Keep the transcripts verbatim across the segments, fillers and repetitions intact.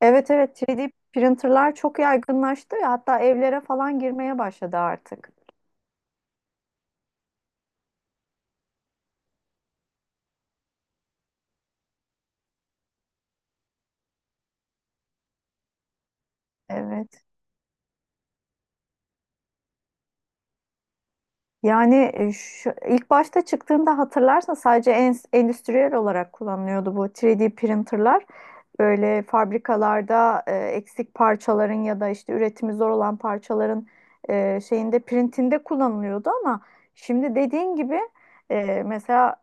Evet evet üç D printerlar çok yaygınlaştı ya hatta evlere falan girmeye başladı artık. Evet. Yani e, şu, ilk başta çıktığında hatırlarsan sadece en, endüstriyel olarak kullanılıyordu bu üç D printerlar. Böyle fabrikalarda e, eksik parçaların ya da işte üretimi zor olan parçaların e, şeyinde printinde kullanılıyordu ama şimdi dediğin gibi e, mesela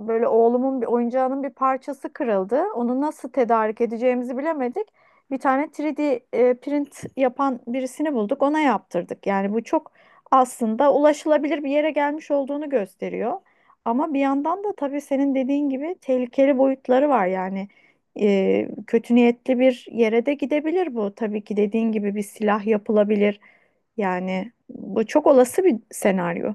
böyle oğlumun bir oyuncağının bir parçası kırıldı. Onu nasıl tedarik edeceğimizi bilemedik. Bir tane üç D e, print yapan birisini bulduk. Ona yaptırdık. Yani bu çok aslında ulaşılabilir bir yere gelmiş olduğunu gösteriyor. Ama bir yandan da tabii senin dediğin gibi tehlikeli boyutları var. Yani e, kötü niyetli bir yere de gidebilir bu. Tabii ki dediğin gibi bir silah yapılabilir. Yani bu çok olası bir senaryo.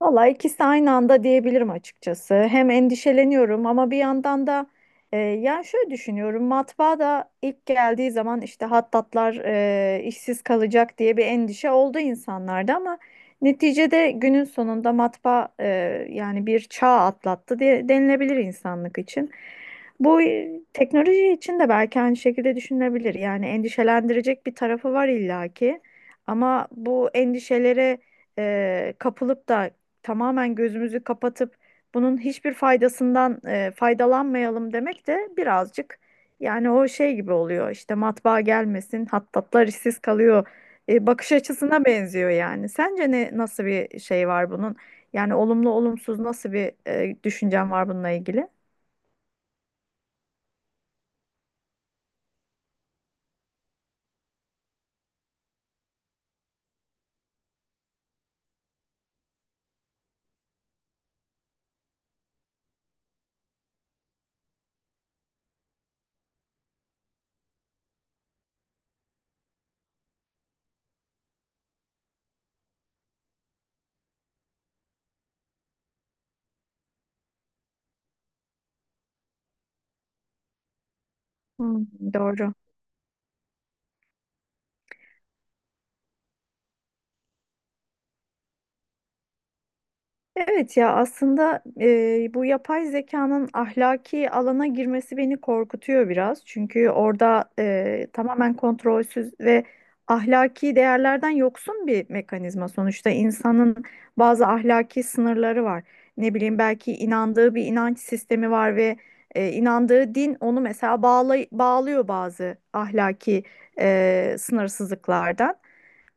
Valla ikisi aynı anda diyebilirim açıkçası. Hem endişeleniyorum ama bir yandan da e, yani şöyle düşünüyorum. Matbaa da ilk geldiği zaman işte hattatlar e, işsiz kalacak diye bir endişe oldu insanlarda ama neticede günün sonunda matbaa e, yani bir çağ atlattı diye denilebilir insanlık için. Bu e, teknoloji için de belki aynı şekilde düşünülebilir. Yani endişelendirecek bir tarafı var illaki ama bu endişelere e, kapılıp da tamamen gözümüzü kapatıp bunun hiçbir faydasından e, faydalanmayalım demek de birazcık yani o şey gibi oluyor işte matbaa gelmesin hattatlar işsiz kalıyor e, bakış açısına benziyor yani. Sence ne nasıl bir şey var bunun? Yani olumlu olumsuz nasıl bir e, düşüncen var bununla ilgili? Hmm, doğru. Evet ya aslında e, bu yapay zekanın ahlaki alana girmesi beni korkutuyor biraz. Çünkü orada e, tamamen kontrolsüz ve ahlaki değerlerden yoksun bir mekanizma. Sonuçta insanın bazı ahlaki sınırları var. Ne bileyim belki inandığı bir inanç sistemi var ve e, inandığı din onu mesela bağlay- bağlıyor bazı ahlaki e, sınırsızlıklardan.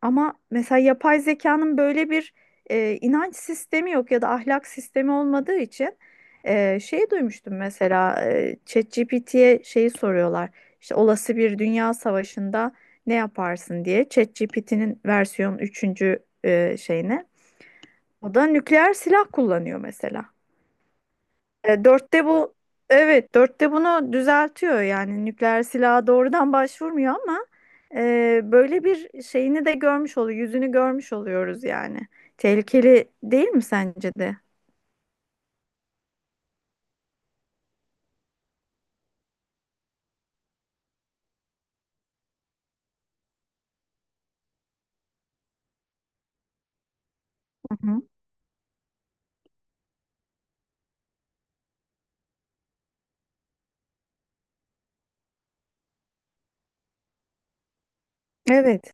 Ama mesela yapay zekanın böyle bir e, inanç sistemi yok ya da ahlak sistemi olmadığı için e, şey duymuştum mesela e, ChatGPT'ye şeyi soruyorlar. İşte olası bir dünya savaşında ne yaparsın diye ChatGPT'nin versiyon üçüncü e, şeyine. O da nükleer silah kullanıyor mesela. E, dörtte bu, evet, dörtte bunu düzeltiyor yani nükleer silaha doğrudan başvurmuyor ama e, böyle bir şeyini de görmüş oluyor, yüzünü görmüş oluyoruz yani. Tehlikeli değil mi sence de? Hı. Evet.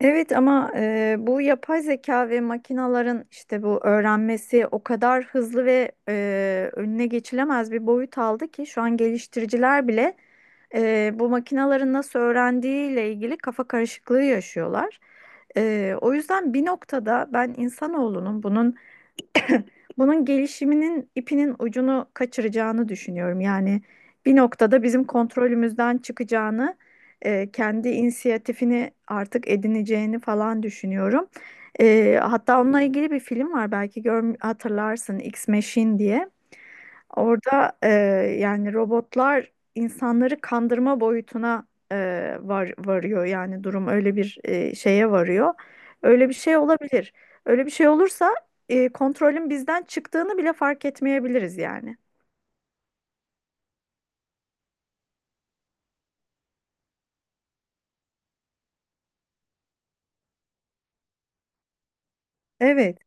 Evet ama e, bu yapay zeka ve makinaların işte bu öğrenmesi o kadar hızlı ve e, önüne geçilemez bir boyut aldı ki şu an geliştiriciler bile e, bu makinaların nasıl öğrendiğiyle ilgili kafa karışıklığı yaşıyorlar. E, o yüzden bir noktada ben insanoğlunun bunun bunun gelişiminin ipinin ucunu kaçıracağını düşünüyorum. Yani bir noktada bizim kontrolümüzden çıkacağını, e, kendi inisiyatifini artık edineceğini falan düşünüyorum. E, hatta onunla ilgili bir film var, belki gör, hatırlarsın, X Machine diye. Orada e, yani robotlar insanları kandırma boyutuna e, var varıyor, yani durum öyle bir e, şeye varıyor. Öyle bir şey olabilir. Öyle bir şey olursa e, kontrolün bizden çıktığını bile fark etmeyebiliriz yani. Evet.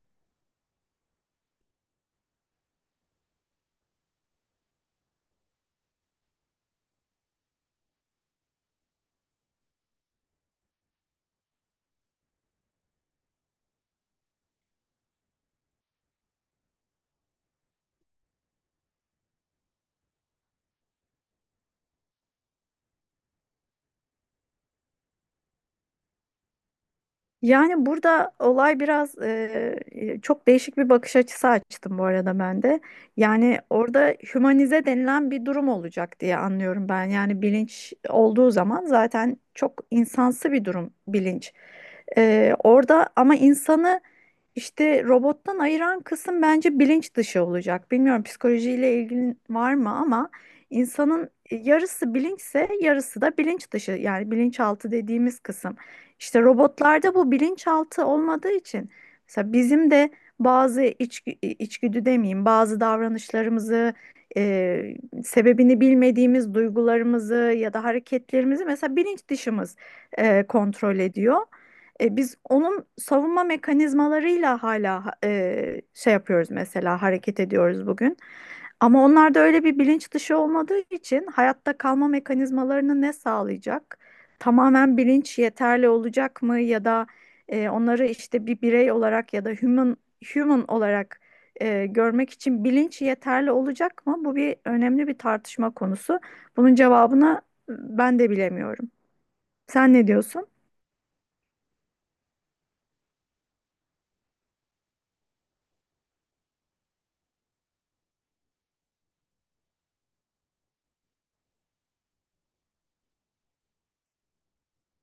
Yani burada olay biraz e, e, çok değişik bir bakış açısı açtım bu arada ben de. Yani orada hümanize denilen bir durum olacak diye anlıyorum ben. Yani bilinç olduğu zaman zaten çok insansı bir durum bilinç. E, orada ama insanı işte robottan ayıran kısım bence bilinç dışı olacak. Bilmiyorum psikolojiyle ilgili var mı ama insanın yarısı bilinçse yarısı da bilinç dışı, yani bilinçaltı dediğimiz kısım. İşte robotlarda bu bilinçaltı olmadığı için mesela bizim de bazı içgü, içgüdü demeyeyim, bazı davranışlarımızı, e, sebebini bilmediğimiz duygularımızı ya da hareketlerimizi mesela bilinç dışımız e, kontrol ediyor. E, biz onun savunma mekanizmalarıyla hala e, şey yapıyoruz, mesela hareket ediyoruz bugün. Ama onlarda öyle bir bilinç dışı olmadığı için hayatta kalma mekanizmalarını ne sağlayacak? Tamamen bilinç yeterli olacak mı, ya da e, onları işte bir birey olarak ya da human human olarak e, görmek için bilinç yeterli olacak mı? Bu bir önemli bir tartışma konusu. Bunun cevabını ben de bilemiyorum. Sen ne diyorsun?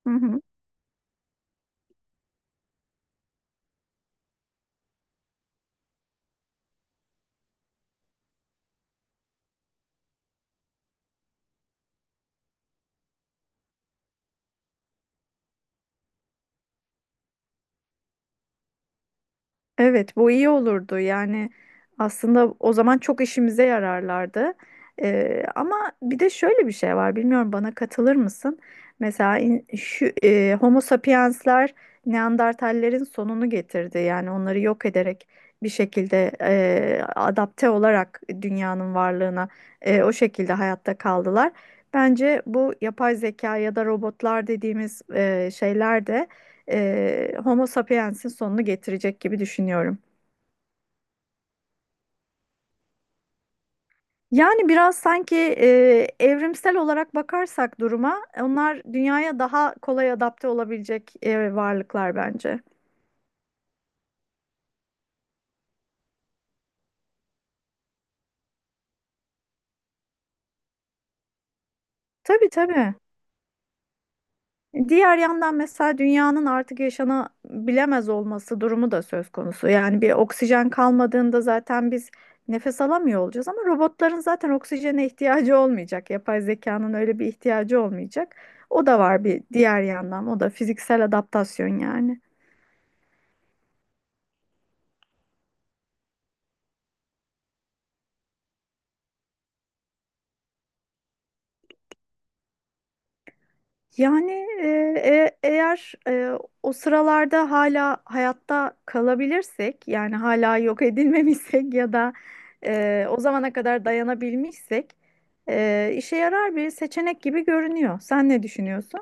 Hı hı. Evet, bu iyi olurdu. Yani aslında o zaman çok işimize yararlardı. Ee, ama bir de şöyle bir şey var. Bilmiyorum, bana katılır mısın? Mesela in- şu e, Homo sapiensler Neandertallerin sonunu getirdi. Yani onları yok ederek bir şekilde e, adapte olarak dünyanın varlığına e, o şekilde hayatta kaldılar. Bence bu yapay zeka ya da robotlar dediğimiz e, şeyler de e, Homo sapiens'in sonunu getirecek gibi düşünüyorum. Yani biraz sanki e, evrimsel olarak bakarsak duruma, onlar dünyaya daha kolay adapte olabilecek e, varlıklar bence. Tabii tabii. Diğer yandan mesela dünyanın artık yaşanabilemez olması durumu da söz konusu. Yani bir oksijen kalmadığında zaten biz nefes alamıyor olacağız ama robotların zaten oksijene ihtiyacı olmayacak. Yapay zekanın öyle bir ihtiyacı olmayacak. O da var bir diğer yandan. O da fiziksel adaptasyon yani. Yani e, e- eğer e, o sıralarda hala hayatta kalabilirsek, yani hala yok edilmemişsek ya da e, o zamana kadar dayanabilmişsek e, işe yarar bir seçenek gibi görünüyor. Sen ne düşünüyorsun?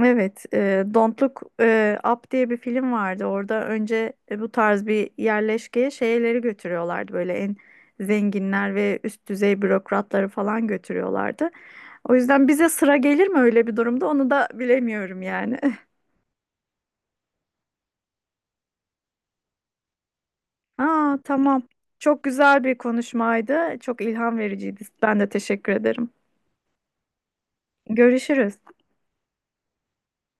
Evet, e, Don't Look e, Up diye bir film vardı. Orada önce e, bu tarz bir yerleşkeye şeyleri götürüyorlardı. Böyle en zenginler ve üst düzey bürokratları falan götürüyorlardı. O yüzden bize sıra gelir mi öyle bir durumda, onu da bilemiyorum yani. Aa, tamam. Çok güzel bir konuşmaydı. Çok ilham vericiydi. Ben de teşekkür ederim. Görüşürüz.